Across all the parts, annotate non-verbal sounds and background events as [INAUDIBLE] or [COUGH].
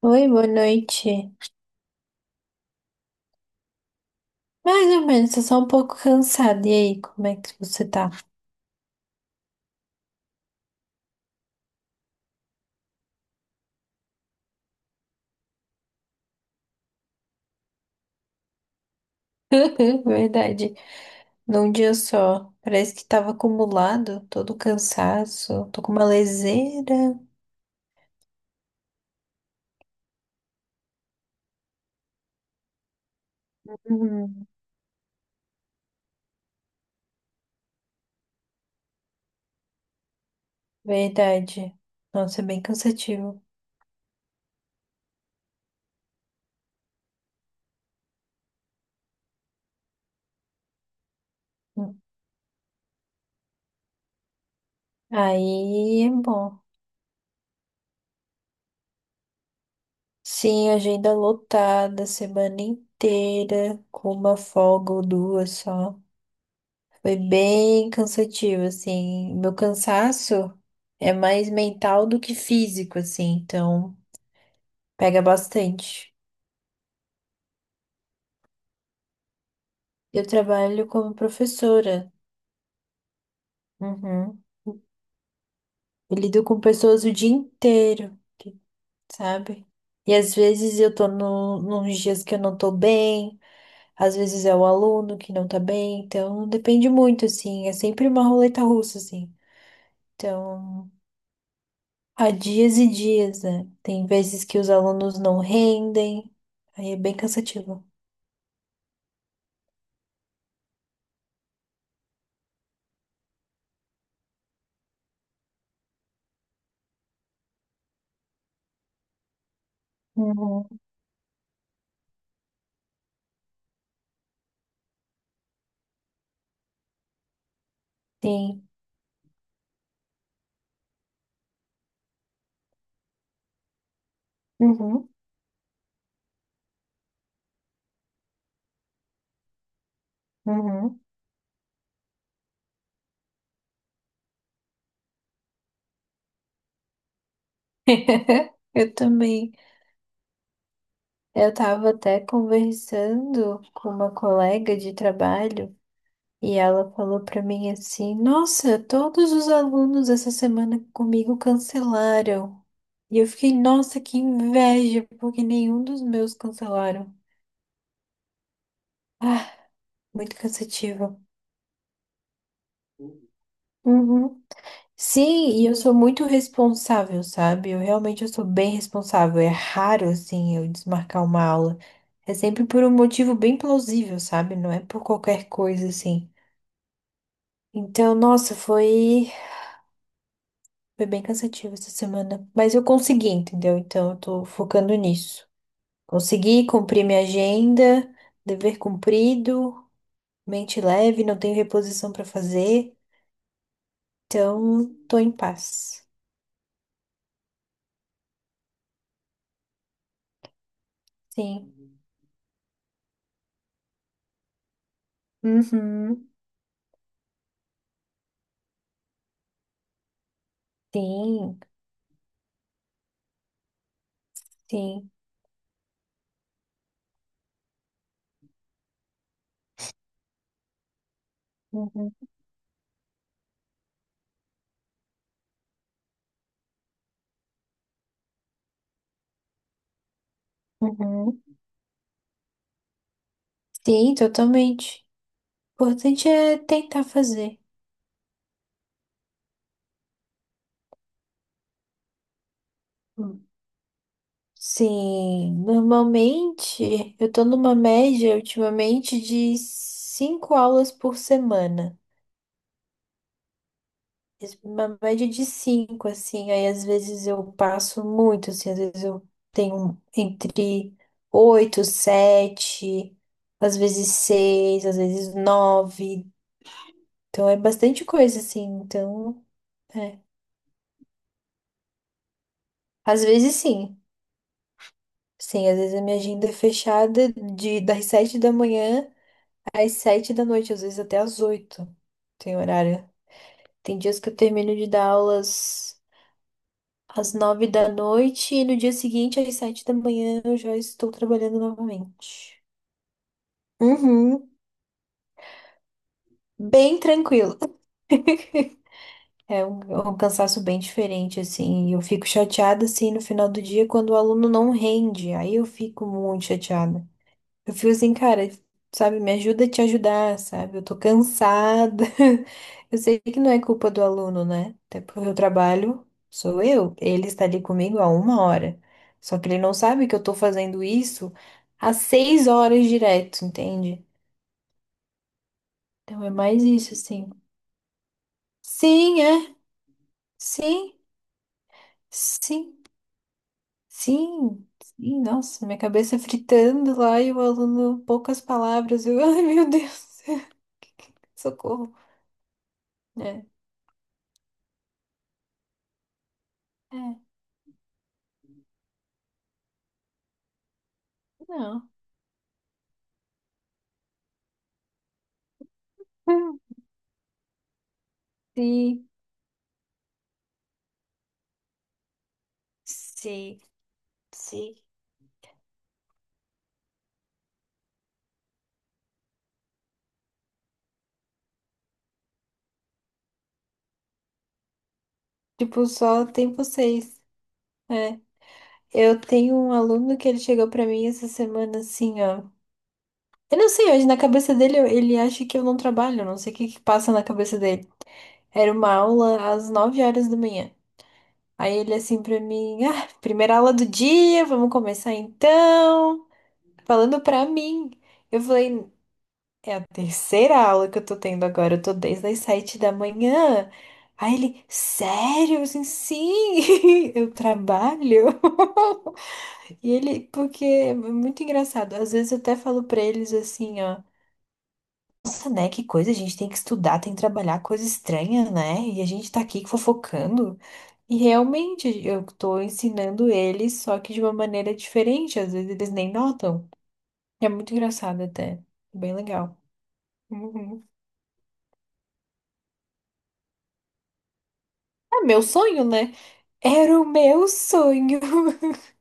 Oi, boa noite. Mais ou menos, tô só um pouco cansada. E aí, como é que você tá? [LAUGHS] Verdade. Num dia só. Parece que tava acumulado todo o cansaço. Tô com uma leseira. Uhum. Verdade. Nossa, é bem cansativo. Hum. Aí, é bom. Sim, agenda lotada, semana inteira, com uma folga ou duas só. Foi bem cansativo, assim. Meu cansaço é mais mental do que físico, assim, então pega bastante. Eu trabalho como professora. Uhum. Eu lido com pessoas o dia inteiro, sabe? E às vezes eu tô no, nos dias que eu não tô bem, às vezes é o aluno que não tá bem, então depende muito, assim. É sempre uma roleta russa, assim. Então. Há dias e dias, né? Tem vezes que os alunos não rendem, aí é bem cansativo. Uhum. Sim. Uhum. Uhum. [LAUGHS] Eu também. Eu estava até conversando com uma colega de trabalho e ela falou para mim assim: Nossa, todos os alunos essa semana comigo cancelaram. E eu fiquei, nossa, que inveja, porque nenhum dos meus cancelaram. Ah, muito cansativo. Uhum. Sim, e eu sou muito responsável, sabe? Eu realmente eu sou bem responsável. É raro, assim, eu desmarcar uma aula. É sempre por um motivo bem plausível, sabe? Não é por qualquer coisa, assim. Então, nossa, foi bem cansativo essa semana. Mas eu consegui, entendeu? Então, eu tô focando nisso. Consegui cumprir minha agenda, dever cumprido, mente leve, não tenho reposição pra fazer. Então, tô em paz. Sim. Uhum. Sim, sim. Uhum. Uhum. Sim, totalmente. O importante é tentar fazer. Hum. Sim, normalmente eu tô numa média ultimamente de 5 aulas por semana. Uma média de 5, assim. Aí às vezes eu passo muito, assim, às vezes eu tenho entre 8, 7, às vezes 6, às vezes 9. Então é bastante coisa, assim. Então, é. Às vezes sim. Sim, às vezes a minha agenda é fechada de das 7 da manhã às 7 da noite, às vezes até às 8. Tem horário. Tem dias que eu termino de dar aulas às 9 da noite e no dia seguinte, às 7 da manhã, eu já estou trabalhando novamente. Uhum. Bem tranquilo. [LAUGHS] É um cansaço bem diferente, assim. Eu fico chateada, assim, no final do dia quando o aluno não rende. Aí eu fico muito chateada. Eu fico assim, cara, sabe, me ajuda a te ajudar, sabe? Eu tô cansada. [LAUGHS] Eu sei que não é culpa do aluno, né? Até porque eu trabalho, sou eu. Ele está ali comigo há uma hora. Só que ele não sabe que eu tô fazendo isso há 6 horas direto, entende? Então é mais isso, assim. Sim, é. Sim, sim, sim. Sim, nossa, minha cabeça fritando lá e o aluno, poucas palavras. Eu, [LAUGHS] ai, meu Deus, [LAUGHS] socorro. É. É. Não. [LAUGHS] Sim, sim, sim. Tipo, só tem vocês. É. Eu tenho um aluno que ele chegou pra mim essa semana assim, ó. Eu não sei, hoje na cabeça dele ele acha que eu não trabalho, eu não sei o que que passa na cabeça dele. Era uma aula às 9 horas da manhã. Aí ele assim pra mim, ah, primeira aula do dia, vamos começar então. Falando pra mim. Eu falei, é a terceira aula que eu tô tendo agora. Eu tô desde as 7 da manhã. Aí ele, sério? Eu assim, sim, [LAUGHS] eu trabalho. [LAUGHS] E ele, porque é muito engraçado. Às vezes eu até falo pra eles assim, ó. Nossa, né? Que coisa, a gente tem que estudar, tem que trabalhar, coisa estranha, né? E a gente tá aqui fofocando. E realmente eu tô ensinando eles, só que de uma maneira diferente. Às vezes eles nem notam. É muito engraçado até. Bem legal. [LAUGHS] É meu sonho, né? Era o meu sonho. [LAUGHS]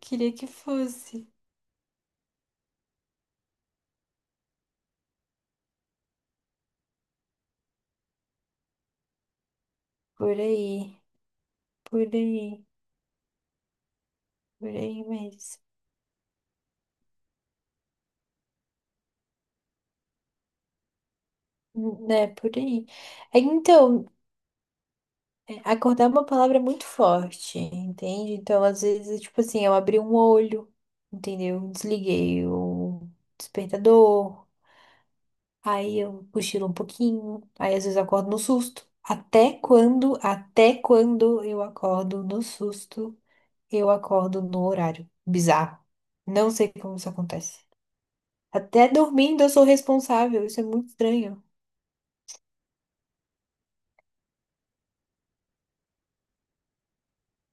Queria que fosse. Por aí, por aí, por aí mesmo. Né, por aí. É, então, é, acordar é uma palavra muito forte, entende? Então, às vezes, é tipo assim, eu abri um olho, entendeu? Desliguei o despertador, aí eu cochilo um pouquinho, aí às vezes eu acordo no susto. Até quando eu acordo no susto? Eu acordo no horário. Bizarro. Não sei como isso acontece. Até dormindo eu sou responsável. Isso é muito estranho.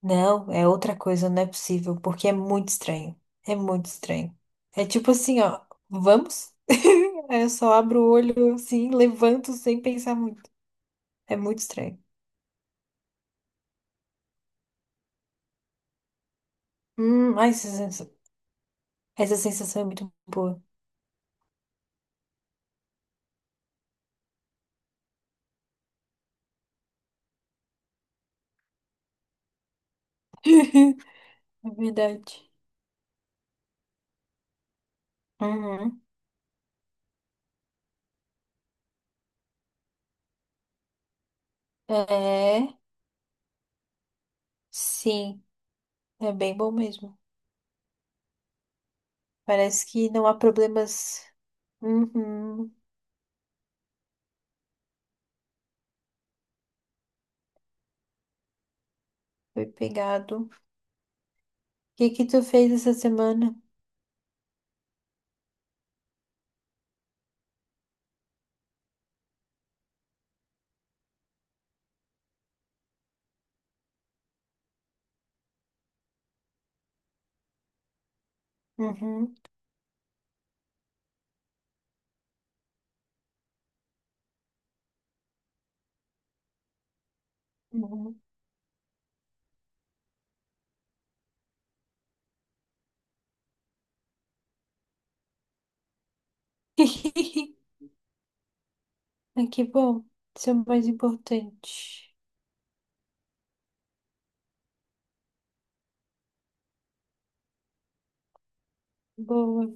Não, é outra coisa, não é possível, porque é muito estranho. É muito estranho. É tipo assim, ó, vamos? [LAUGHS] Aí eu só abro o olho assim, levanto sem pensar muito. É muito estranho. Ai, essa sensação é muito boa. [LAUGHS] É verdade. Uhum. É, sim, é bem bom mesmo. Parece que não há problemas. Uhum. Foi pegado. O que que tu fez essa semana? Uhum, uhum. [LAUGHS] Ah, que bom. Isso é o mais importante. Boa,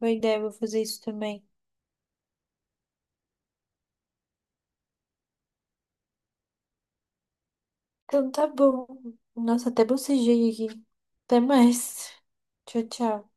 boa ideia, vou fazer isso também. Então tá bom. Nossa, até bocejei aqui. Até mais. Tchau, tchau.